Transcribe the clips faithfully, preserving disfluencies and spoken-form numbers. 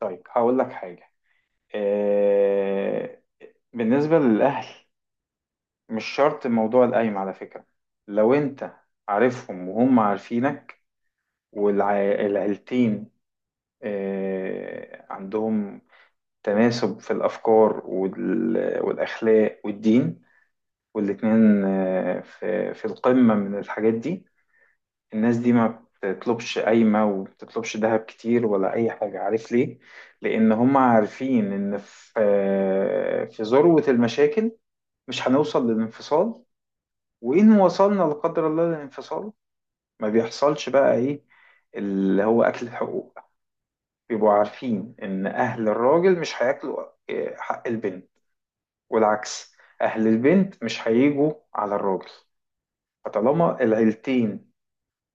طيب هقول لك حاجة. آه، بالنسبة للأهل، مش شرط موضوع القايمة على فكرة. لو أنت عارفهم وهم عارفينك والعيلتين عندهم تناسب في الأفكار وال- والأخلاق والدين، والاتنين آه، في في القمة من الحاجات دي، الناس دي ما بتطلبش قايمة وبتطلبش ذهب كتير ولا أي حاجة. عارف ليه؟ لأن هم عارفين إن في في ذروة المشاكل مش هنوصل للانفصال، وإن وصلنا لا قدر الله للانفصال، ما بيحصلش بقى إيه اللي هو أكل الحقوق. بيبقوا عارفين إن أهل الراجل مش هياكلوا آه، حق البنت، والعكس، أهل البنت مش هيجوا على الراجل. فطالما العيلتين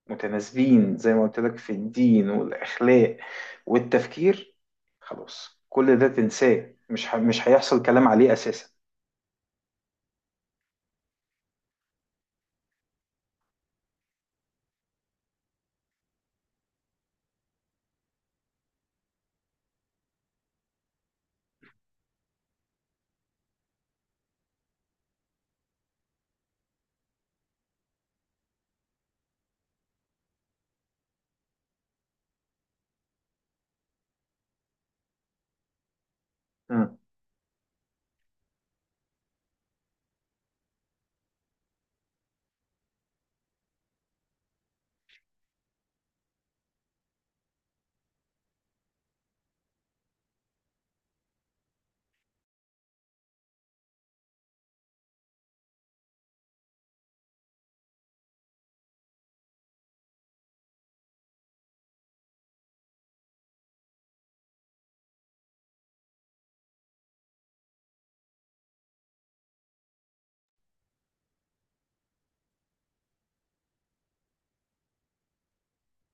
متناسبين زي ما قلت لك في الدين والأخلاق والتفكير، خلاص كل ده تنساه، مش ه... مش هيحصل كلام عليه أساسا. مم.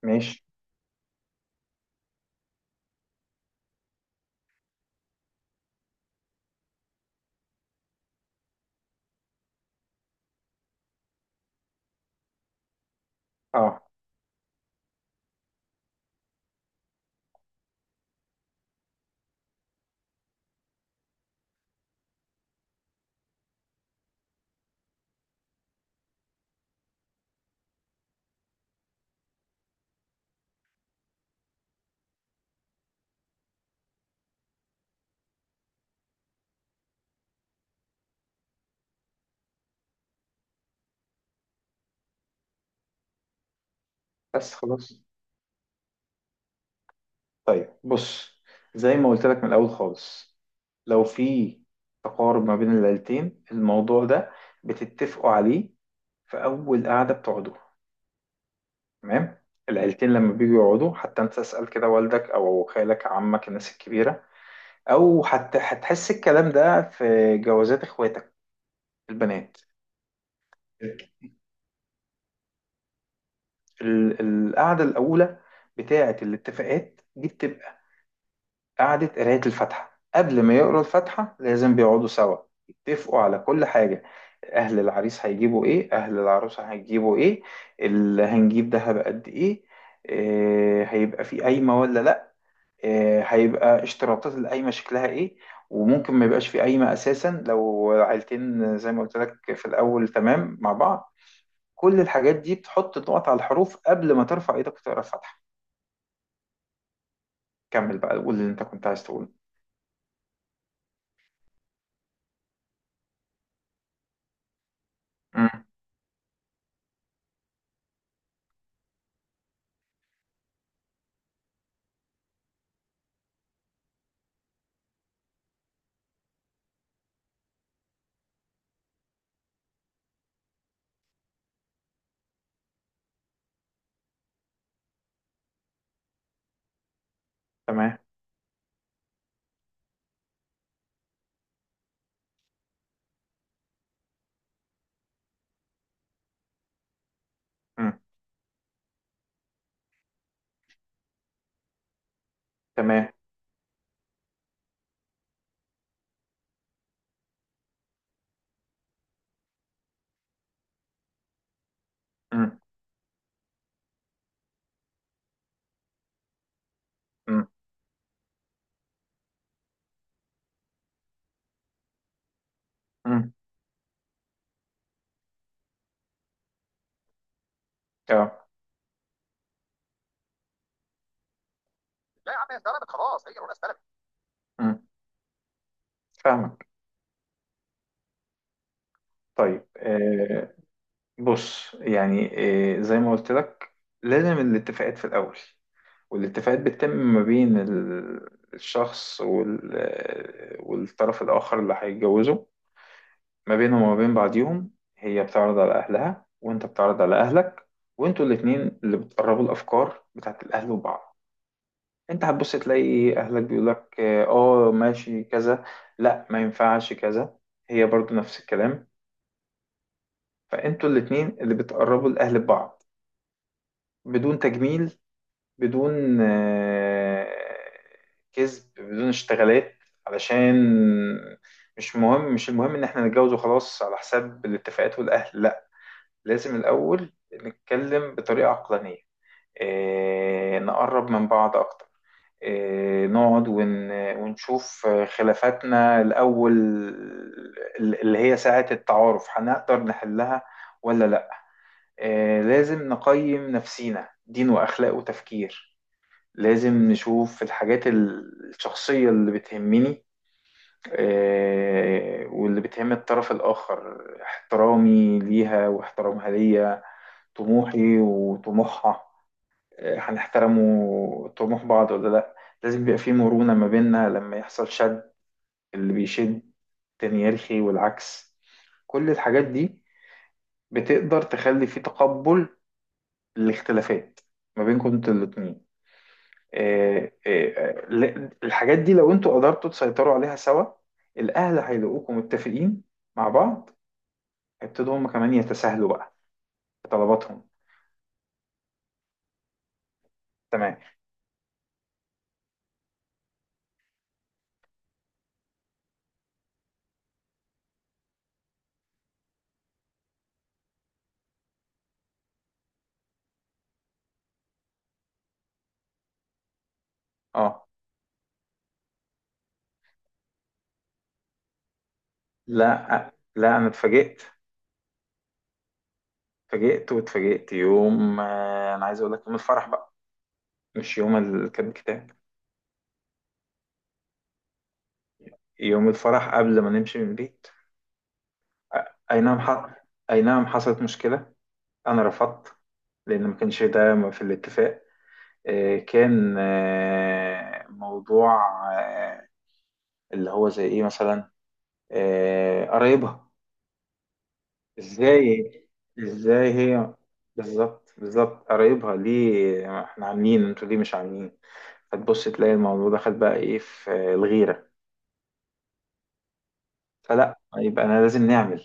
ماشي. اه. بس خلاص. طيب بص، زي ما قلت لك من الأول خالص، لو في تقارب ما بين العيلتين، الموضوع ده بتتفقوا عليه في أول قعدة بتقعدوا. تمام. العيلتين لما بيجوا يقعدوا، حتى انت اسأل كده والدك او خالك عمك الناس الكبيرة، او هت... هتحس الكلام ده في جوازات اخواتك البنات. ال- القعده الاولى بتاعه الاتفاقات دي بتبقى قعده قرايه الفاتحه. قبل ما يقرا الفاتحه لازم بيقعدوا سوا يتفقوا على كل حاجه. اهل العريس هيجيبوا ايه، اهل العروسه هيجيبوا ايه، اللي هنجيب دهب قد ايه، إيه هيبقى في قايمه ولا لا، آه، هيبقى اشتراطات القايمة شكلها ايه. وممكن ما يبقاش في قايمة اساسا لو عيلتين زي ما قلت لك في الاول تمام مع بعض. كل الحاجات دي بتحط النقط على الحروف قبل ما ترفع ايدك وتقرا الفاتحة. كمل بقى، قول اللي انت كنت عايز تقوله. مم. تمام. مم. تمام. مم. مم. مم. اه. لا يا عم، هي اتسلمت خلاص، هي الورقه اتسلمت. مم. فاهمك. طيب آه، بص، يعني إيه، زي ما قلت لك لازم الاتفاقات في الأول. والاتفاقات بتتم ما بين ال- الشخص وال... والطرف الآخر اللي هيتجوزه. ما بينهم وما بين بعضيهم، هي بتعرض على أهلها وأنت بتعرض على أهلك. وأنتوا الاتنين اللي بتقربوا الأفكار بتاعت الأهل وبعض. أنت هتبص تلاقي إيه، أهلك بيقولك آه، آه، ماشي كذا، لأ ما ينفعش كذا. هي برضو نفس الكلام. فأنتوا الاتنين اللي بتقربوا الأهل ببعض، بدون تجميل، بدون آه، كذب، بدون اشتغالات. علشان مش مهم، مش المهم ان احنا نتجوز وخلاص على حساب الاتفاقات والاهل، لا. لازم الاول نتكلم بطريقة عقلانية، آه، نقرب من بعض اكتر، آه، نقعد ون- ونشوف خلافاتنا الاول، اللي هي ساعة التعارف، هنقدر نحلها ولا لا. آه، لازم نقيم نفسينا دين واخلاق وتفكير، لازم نشوف الحاجات ال- الشخصية اللي بتهمني آه، واللي بتهم الطرف الآخر، احترامي ليها واحترامها ليا، طموحي وطموحها، آه، هنحترموا طموح بعض ولا لأ. لازم يبقى في مرونة ما بيننا، لما يحصل شد، اللي بيشد تاني يرخي، والعكس. كل الحاجات دي بتقدر تخلي في تقبل الاختلافات ما بينكم انتوا الاتنين. آه، آه، ل- الحاجات دي لو انتوا قدرتوا تسيطروا عليها سوا، الاهل هيلاقوكم متفقين مع بعض، هيبتدوا هم كمان يتساهلوا بقى في طلباتهم. تمام. اه، لا لا انا اتفاجئت. اتفاجئت، واتفاجئت يوم آه، انا عايز اقول لك يوم الفرح بقى، مش يوم ال- كاتب الكتاب. يوم الفرح قبل ما نمشي من البيت. أ- اي نعم ح... اي نعم، حصلت مشكلة. انا رفضت لان ما كانش ده في الاتفاق. آه، كان آه، موضوع، آه، اللي هو زي ايه مثلا، آه قرايبها. ازاي ازاي هي؟ بالظبط بالظبط، قرايبها ليه احنا عاملين، انتوا ليه مش عاملين. فتبص تلاقي الموضوع ده خد بقى ايه في الغيرة. فلا، يبقى انا لازم نعمل.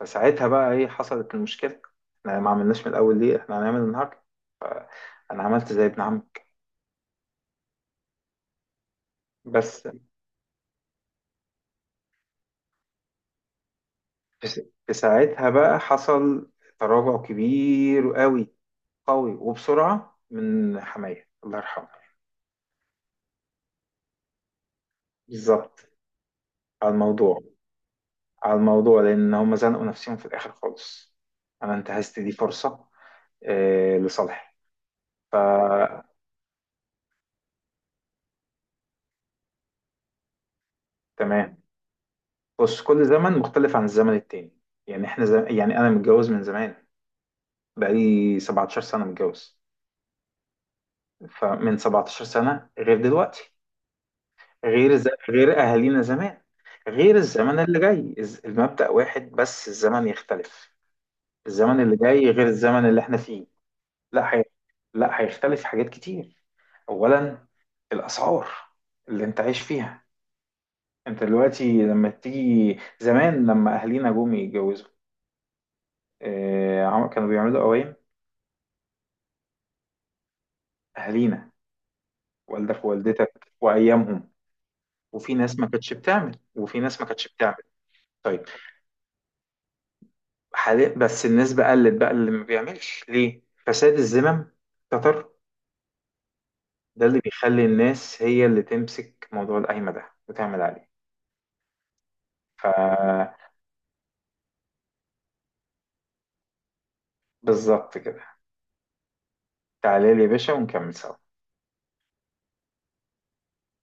فساعتها بقى ايه، حصلت المشكلة. احنا ما عملناش من الاول، ليه احنا هنعمل النهارده. انا عملت زي ابن عمك. بس في س- في ساعتها بقى حصل تراجع كبير قوي، قوي وبسرعة من حماية الله يرحمه. بالظبط، على الموضوع، على الموضوع لأن هم زنقوا نفسهم في الآخر خالص. أنا انتهزت دي فرصة آه لصالحي. تمام، بص، كل زمن مختلف عن الزمن التاني. يعني إحنا زم... يعني أنا متجوز من زمان، بقالي سبعة عشر سنة متجوز. فمن سبعتاشر سنة غير دلوقتي، غير ز... غير أهالينا زمان، غير الزمن اللي جاي، الز- المبدأ واحد بس الزمن يختلف. الزمن اللي جاي غير الزمن اللي إحنا فيه. لا هي... لا هيختلف حاجات كتير. اولا، الاسعار اللي انت عايش فيها انت دلوقتي، لما تيجي زمان لما اهالينا جم يتجوزوا، آه، عم- كانوا بيعملوا قوايم. اهالينا، والدك ووالدتك وايامهم. وفي ناس ما كانتش بتعمل، وفي ناس ما كانتش بتعمل. طيب، حاليا بس النسبة قلت بقى اللي ما بيعملش، ليه؟ فساد الذمم كتر. ده اللي بيخلي الناس هي اللي تمسك موضوع القايمة ده وتعمل عليه. فبالظبط كده. تعالى لي يا باشا ونكمل سوا.